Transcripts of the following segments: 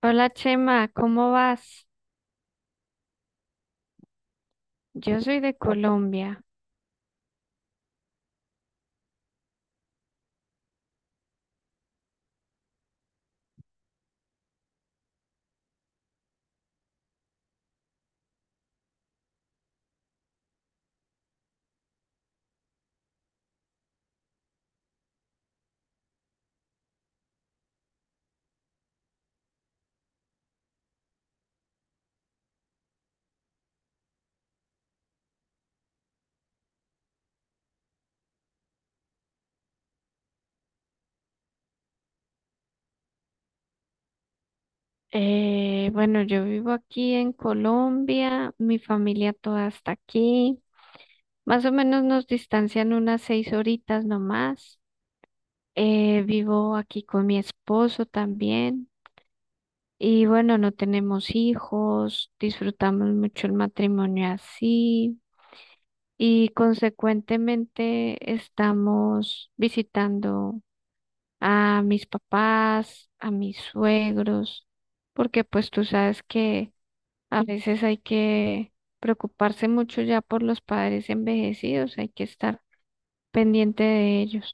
Hola Chema, ¿cómo vas? Yo soy de Colombia. Bueno, yo vivo aquí en Colombia, mi familia toda está aquí. Más o menos nos distancian unas 6 horitas nomás. Vivo aquí con mi esposo también. Y bueno, no tenemos hijos, disfrutamos mucho el matrimonio así. Y consecuentemente estamos visitando a mis papás, a mis suegros, porque pues tú sabes que a veces hay que preocuparse mucho ya por los padres envejecidos, hay que estar pendiente de ellos.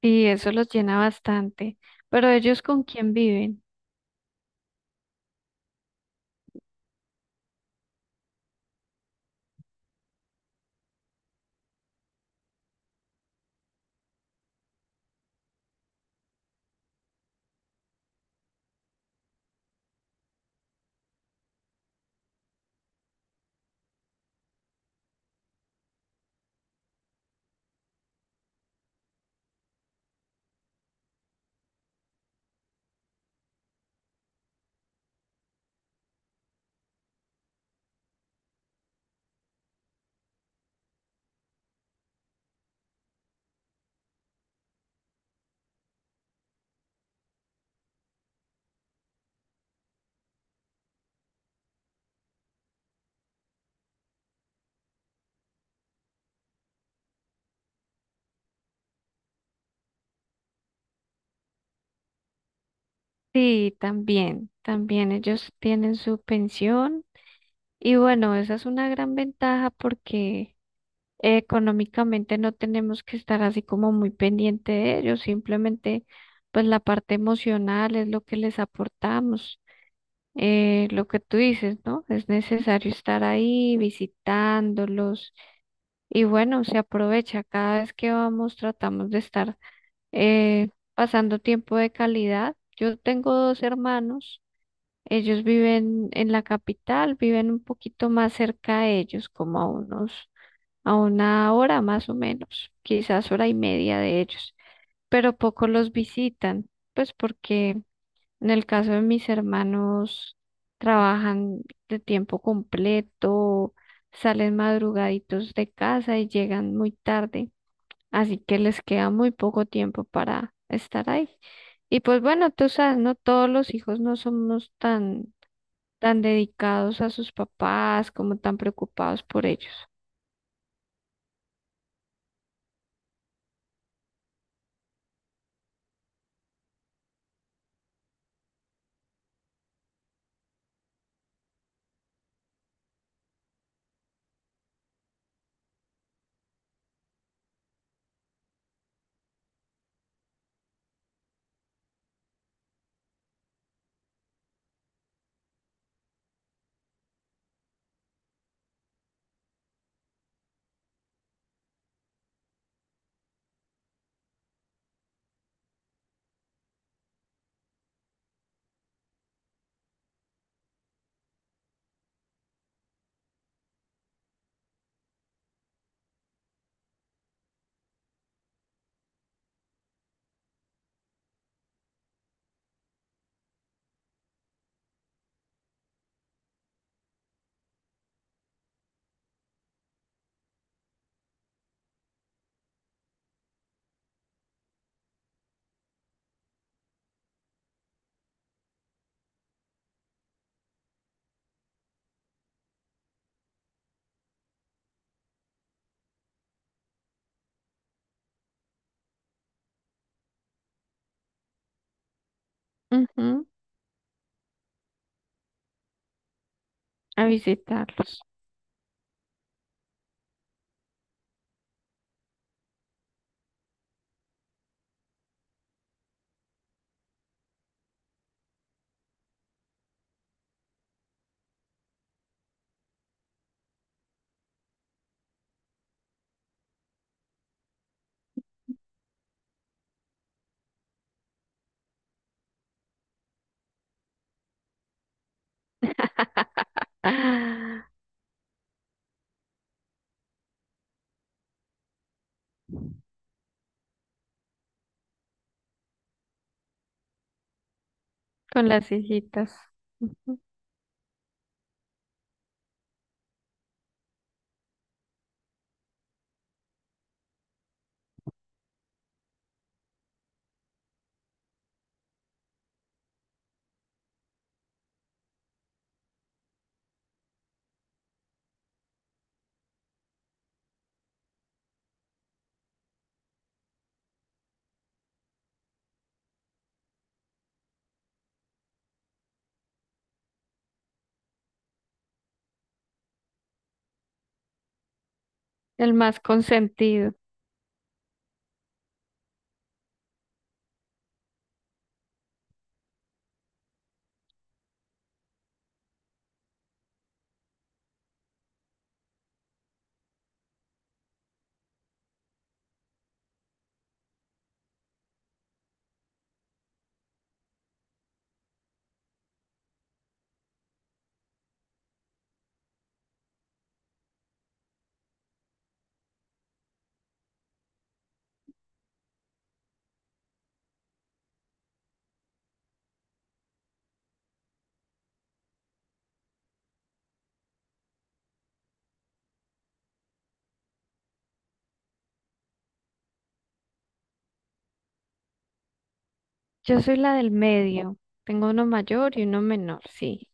Y eso los llena bastante. Pero ¿ellos con quién viven? Sí, también ellos tienen su pensión. Y bueno, esa es una gran ventaja porque económicamente no tenemos que estar así como muy pendiente de ellos, simplemente pues la parte emocional es lo que les aportamos, lo que tú dices, ¿no? Es necesario estar ahí visitándolos y bueno, se aprovecha, cada vez que vamos tratamos de estar pasando tiempo de calidad. Yo tengo dos hermanos. Ellos viven en la capital, viven un poquito más cerca de ellos, como a unos, a una hora más o menos, quizás hora y media de ellos, pero poco los visitan, pues porque en el caso de mis hermanos trabajan de tiempo completo, salen madrugaditos de casa y llegan muy tarde, así que les queda muy poco tiempo para estar ahí. Y pues bueno, tú sabes, no todos los hijos no somos tan dedicados a sus papás, como tan preocupados por ellos. Ujú, a visitarlos. Ah, con las hijitas, ujú. El más consentido. Yo soy la del medio, tengo uno mayor y uno menor, sí,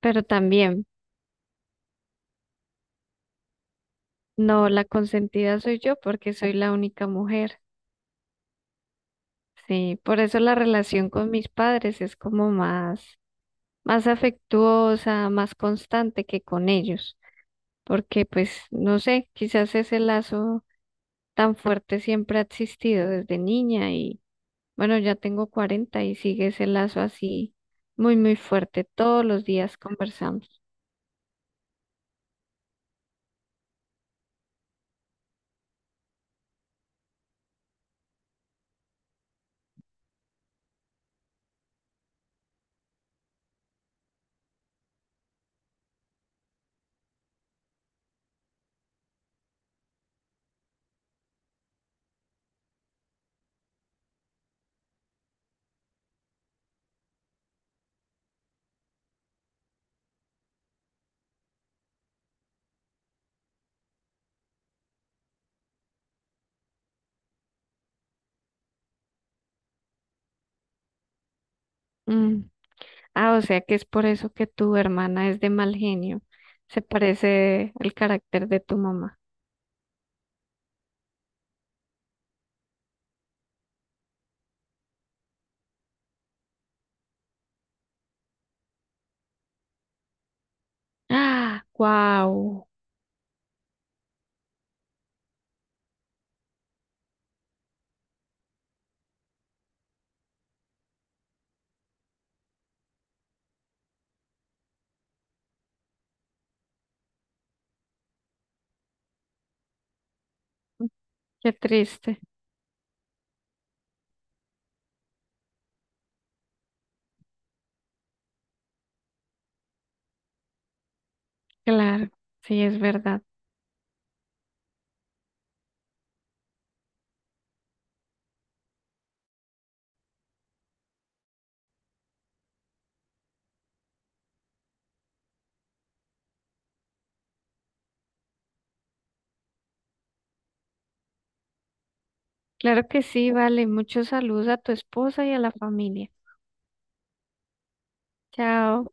pero también, no, la consentida soy yo porque soy la única mujer. Sí, por eso la relación con mis padres es como más, más afectuosa, más constante que con ellos, porque pues no sé, quizás ese lazo tan fuerte siempre ha existido desde niña y bueno, ya tengo 40 y sigue ese lazo así muy, muy fuerte. Todos los días conversamos. Mm. Ah, o sea que es por eso que tu hermana es de mal genio. Se parece el carácter de tu mamá. Ah, wow, qué triste. Claro, sí, es verdad. Claro que sí, vale. Muchos saludos a tu esposa y a la familia. Chao.